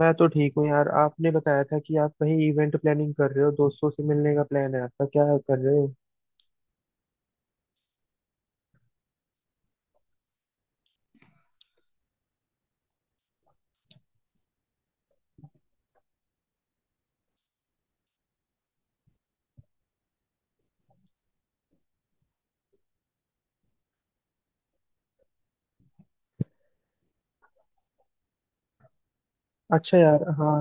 मैं तो ठीक हूँ यार। आपने बताया था कि आप कहीं इवेंट प्लानिंग कर रहे हो, दोस्तों से मिलने का प्लान है आपका, क्या कर रहे हो? अच्छा यार, हाँ,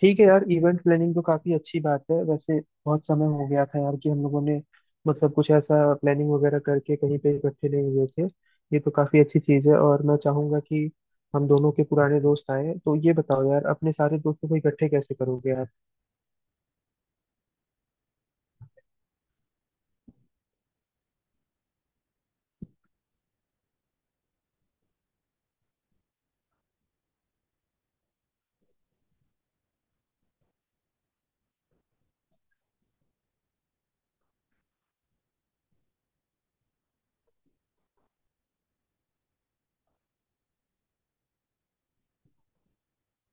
ठीक है यार। इवेंट प्लानिंग तो काफी अच्छी बात है वैसे। बहुत समय हो गया था यार कि हम लोगों ने मतलब कुछ ऐसा प्लानिंग वगैरह करके कहीं पे इकट्ठे नहीं हुए थे। ये तो काफी अच्छी चीज है और मैं चाहूंगा कि हम दोनों के पुराने दोस्त आए। तो ये बताओ यार, अपने सारे दोस्तों को इकट्ठे कैसे करोगे आप?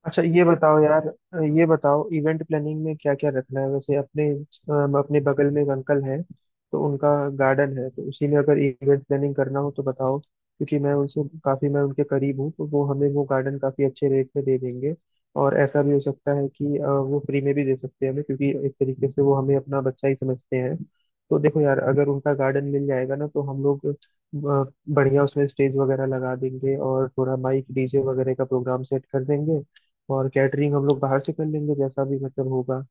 अच्छा ये बताओ यार, ये बताओ इवेंट प्लानिंग में क्या क्या रखना है वैसे। अपने अपने बगल में एक अंकल हैं तो उनका गार्डन है। तो उसी में अगर इवेंट प्लानिंग करना हो तो बताओ, क्योंकि मैं उनसे काफ़ी मैं उनके करीब हूँ, तो वो हमें वो गार्डन काफ़ी अच्छे रेट में दे देंगे। और ऐसा भी हो सकता है कि वो फ्री में भी दे सकते हैं हमें, क्योंकि एक तरीके से वो हमें अपना बच्चा ही समझते हैं। तो देखो यार, अगर उनका गार्डन मिल जाएगा ना, तो हम लोग बढ़िया उसमें स्टेज वगैरह लगा देंगे और थोड़ा माइक डीजे वगैरह का प्रोग्राम सेट कर देंगे। और कैटरिंग हम लोग बाहर से कर लेंगे जैसा भी मतलब होगा।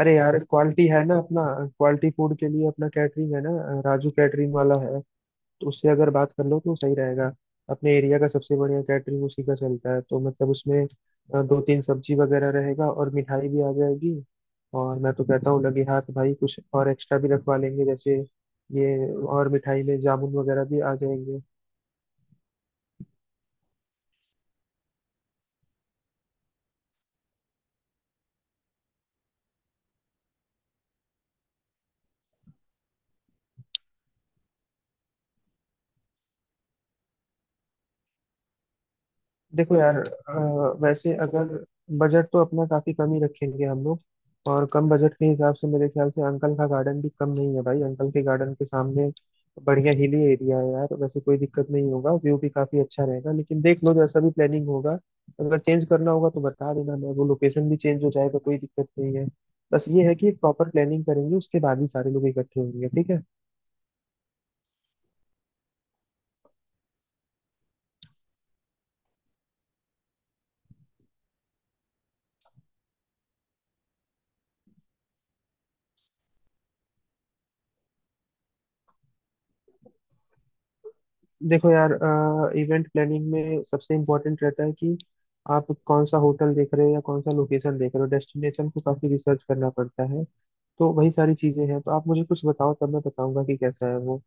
अरे यार, क्वालिटी है ना अपना। क्वालिटी फूड के लिए अपना कैटरिंग है ना, राजू कैटरिंग वाला है। तो उससे अगर बात कर लो तो सही रहेगा। अपने एरिया का सबसे बढ़िया कैटरिंग उसी का चलता है। तो मतलब उसमें दो तीन सब्जी वगैरह रहेगा और मिठाई भी आ जाएगी। और मैं तो कहता हूँ लगे हाथ भाई कुछ और एक्स्ट्रा भी रखवा लेंगे। जैसे ये, और मिठाई में जामुन वगैरह भी आ जाएंगे। देखो यार, वैसे अगर बजट तो अपना काफी कम ही रखेंगे हम लोग। और कम बजट के हिसाब से मेरे ख्याल से अंकल का गार्डन भी कम नहीं है भाई। अंकल के गार्डन के सामने बढ़िया हिली एरिया है यार, वैसे कोई दिक्कत नहीं होगा, व्यू भी काफी अच्छा रहेगा। लेकिन देख लो जैसा भी प्लानिंग होगा, अगर चेंज करना होगा तो बता देना, मैं वो लोकेशन भी चेंज हो जाएगा, कोई दिक्कत नहीं है। बस ये है कि एक प्रॉपर प्लानिंग करेंगे, उसके बाद ही सारे लोग इकट्ठे होंगे, ठीक है। देखो यार, इवेंट प्लानिंग में सबसे इम्पोर्टेंट रहता है कि आप कौन सा होटल देख रहे हो या कौन सा लोकेशन देख रहे हो। डेस्टिनेशन को काफी रिसर्च करना पड़ता है। तो वही सारी चीजें हैं, तो आप मुझे कुछ बताओ, तब मैं बताऊंगा कि कैसा है वो।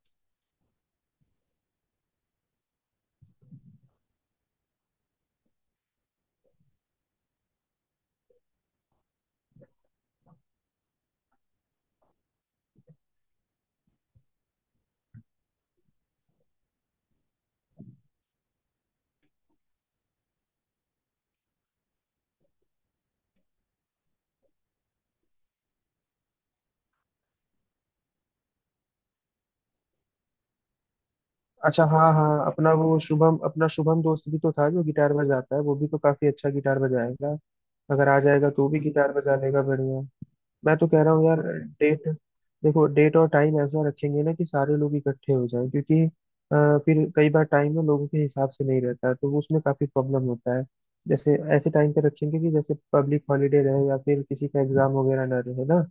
अच्छा, हाँ हाँ, अपना वो शुभम, अपना शुभम दोस्त भी तो था जो गिटार बजाता है, वो भी तो काफी अच्छा गिटार बजाएगा। अगर आ जाएगा तो भी गिटार बजा लेगा बढ़िया। मैं तो कह रहा हूँ यार, डेट, देखो डेट और टाइम ऐसा रखेंगे ना कि सारे लोग इकट्ठे हो जाएं। क्योंकि फिर कई बार टाइम ना लोगों के हिसाब से नहीं रहता है, तो वो उसमें काफी प्रॉब्लम होता है। जैसे ऐसे टाइम पे रखेंगे कि जैसे पब्लिक हॉलीडे रहे या फिर किसी का एग्जाम वगैरह ना रहे ना।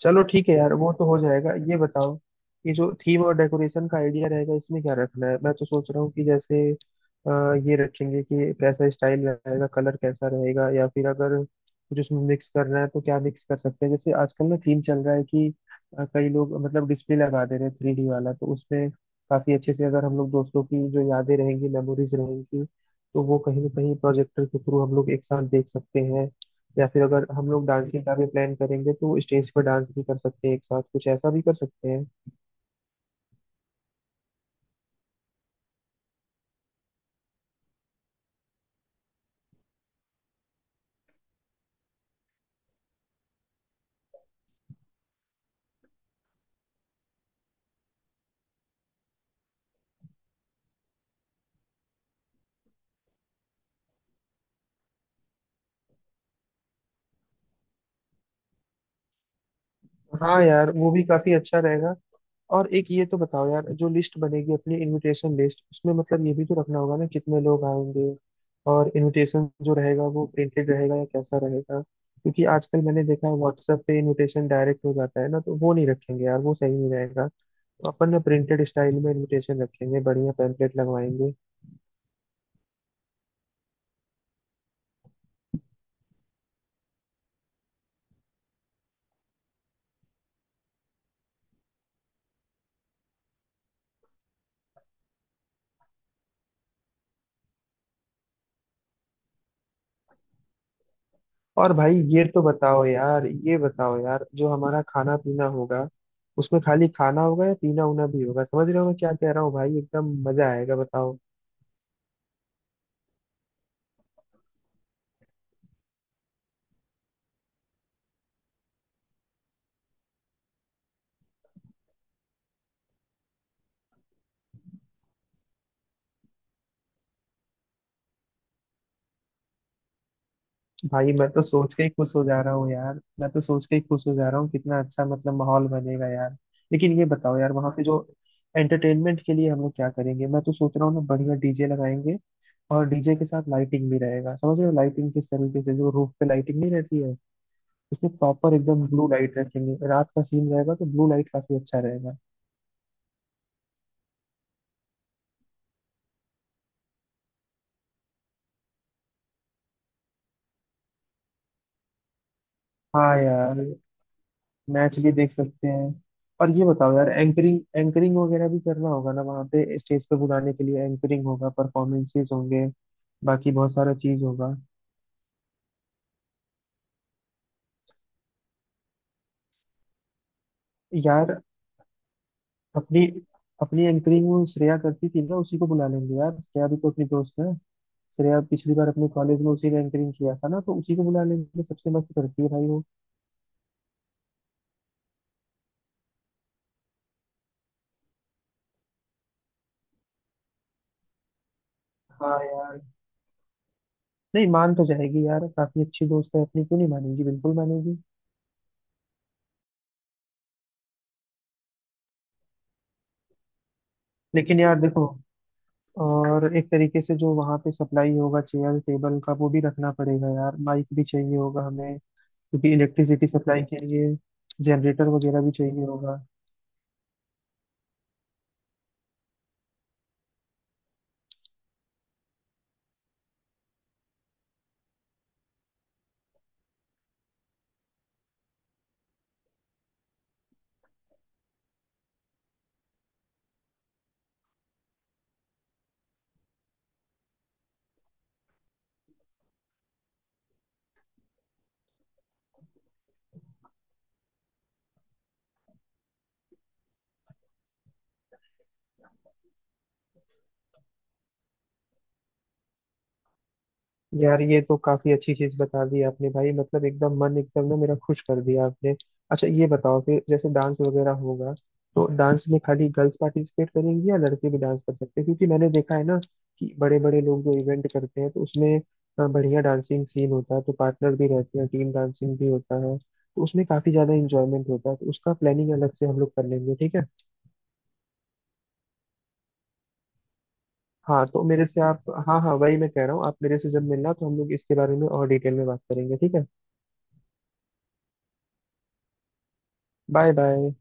चलो ठीक है यार, वो तो हो जाएगा। ये बताओ, ये जो थीम और डेकोरेशन का आइडिया रहेगा, इसमें क्या रखना है? मैं तो सोच रहा हूँ कि जैसे ये रखेंगे कि कैसा स्टाइल रहेगा, कलर कैसा रहेगा, या फिर अगर कुछ उसमें मिक्स करना है तो क्या मिक्स कर सकते हैं। जैसे आजकल ना थीम चल रहा है कि कई लोग मतलब डिस्प्ले लगा दे रहे हैं थ्री डी वाला। तो उसमें काफी अच्छे से अगर हम लोग दोस्तों की जो यादें रहेंगी मेमोरीज रहेंगी, तो वो कहीं ना कहीं प्रोजेक्टर के थ्रू हम लोग एक साथ देख सकते हैं। या फिर अगर हम लोग डांसिंग का भी प्लान करेंगे तो स्टेज पर डांस भी कर सकते हैं एक साथ, कुछ ऐसा भी कर सकते हैं। हाँ यार, वो भी काफी अच्छा रहेगा। और एक ये तो बताओ यार, जो लिस्ट बनेगी अपनी इनविटेशन लिस्ट, उसमें मतलब ये भी तो रखना होगा ना कितने लोग आएंगे। और इनविटेशन जो रहेगा वो प्रिंटेड रहेगा या कैसा रहेगा? क्योंकि आजकल मैंने देखा है व्हाट्सएप पे इनविटेशन डायरेक्ट हो जाता है ना, तो वो नहीं रखेंगे यार, वो सही नहीं रहेगा। तो अपन ना प्रिंटेड स्टाइल में इनविटेशन रखेंगे, बढ़िया पैम्पलेट लगवाएंगे। और भाई ये तो बताओ यार, ये बताओ यार, जो हमारा खाना पीना होगा, उसमें खाली खाना होगा या पीना उना भी होगा? समझ रहे हो मैं क्या कह रहा हूँ भाई, एकदम मजा आएगा, बताओ। भाई मैं तो सोच के ही खुश हो जा रहा हूँ यार, मैं तो सोच के ही खुश हो जा रहा हूँ, कितना अच्छा मतलब माहौल बनेगा यार। लेकिन ये बताओ यार, वहाँ पे जो एंटरटेनमेंट के लिए हम लोग क्या करेंगे? मैं तो सोच रहा हूँ ना, बढ़िया डीजे लगाएंगे। और डीजे के साथ लाइटिंग भी रहेगा, समझ रहे हो, लाइटिंग किस तरीके से, जो रूफ पे लाइटिंग नहीं रहती है। इसमें प्रॉपर एकदम ब्लू लाइट रखेंगे, रात का सीन रहेगा तो ब्लू लाइट काफी अच्छा रहेगा। हाँ यार, मैच भी देख सकते हैं। और ये बताओ यार, एंकरिंग एंकरिंग वगैरह भी करना होगा ना, वहाँ पे स्टेज पे बुलाने के लिए एंकरिंग होगा, परफॉर्मेंसेस होंगे, बाकी बहुत सारा चीज होगा। यार अपनी, अपनी एंकरिंग वो श्रेया करती थी ना, उसी को बुला लेंगे यार, श्रेया भी तो अपनी दोस्त है। श्रेया पिछली बार अपने कॉलेज में उसी ने एंकरिंग किया था ना, तो उसी को बुला लेंगे, सबसे मस्त करती है भाई वो। हाँ यार, नहीं मान तो जाएगी यार, काफी अच्छी दोस्त है अपनी, क्यों नहीं मानेगी, बिल्कुल मानेगी। लेकिन यार देखो, और एक तरीके से जो वहाँ पे सप्लाई होगा चेयर टेबल का, वो भी रखना पड़ेगा यार, माइक भी चाहिए होगा हमें, क्योंकि इलेक्ट्रिसिटी सप्लाई के लिए जनरेटर वगैरह भी चाहिए होगा। यार ये तो काफी अच्छी चीज बता दी आपने भाई, मतलब एकदम मन एकदम ना मेरा खुश कर दिया आपने। अच्छा ये बताओ कि जैसे डांस वगैरह होगा, तो डांस में खाली गर्ल्स पार्टिसिपेट करेंगी या लड़के भी डांस कर सकते हैं? क्योंकि मैंने देखा है ना कि बड़े बड़े लोग जो इवेंट करते हैं तो उसमें बढ़िया डांसिंग सीन होता है, तो पार्टनर भी रहते हैं, टीम डांसिंग भी होता है, तो उसमें काफी ज्यादा इंजॉयमेंट होता है, तो उसका प्लानिंग अलग से हम लोग कर लेंगे, ठीक है। हाँ तो मेरे से आप, हाँ हाँ, वही मैं कह रहा हूँ, आप मेरे से जब मिलना तो हम लोग इसके बारे में और डिटेल में बात करेंगे, ठीक है। Bye bye.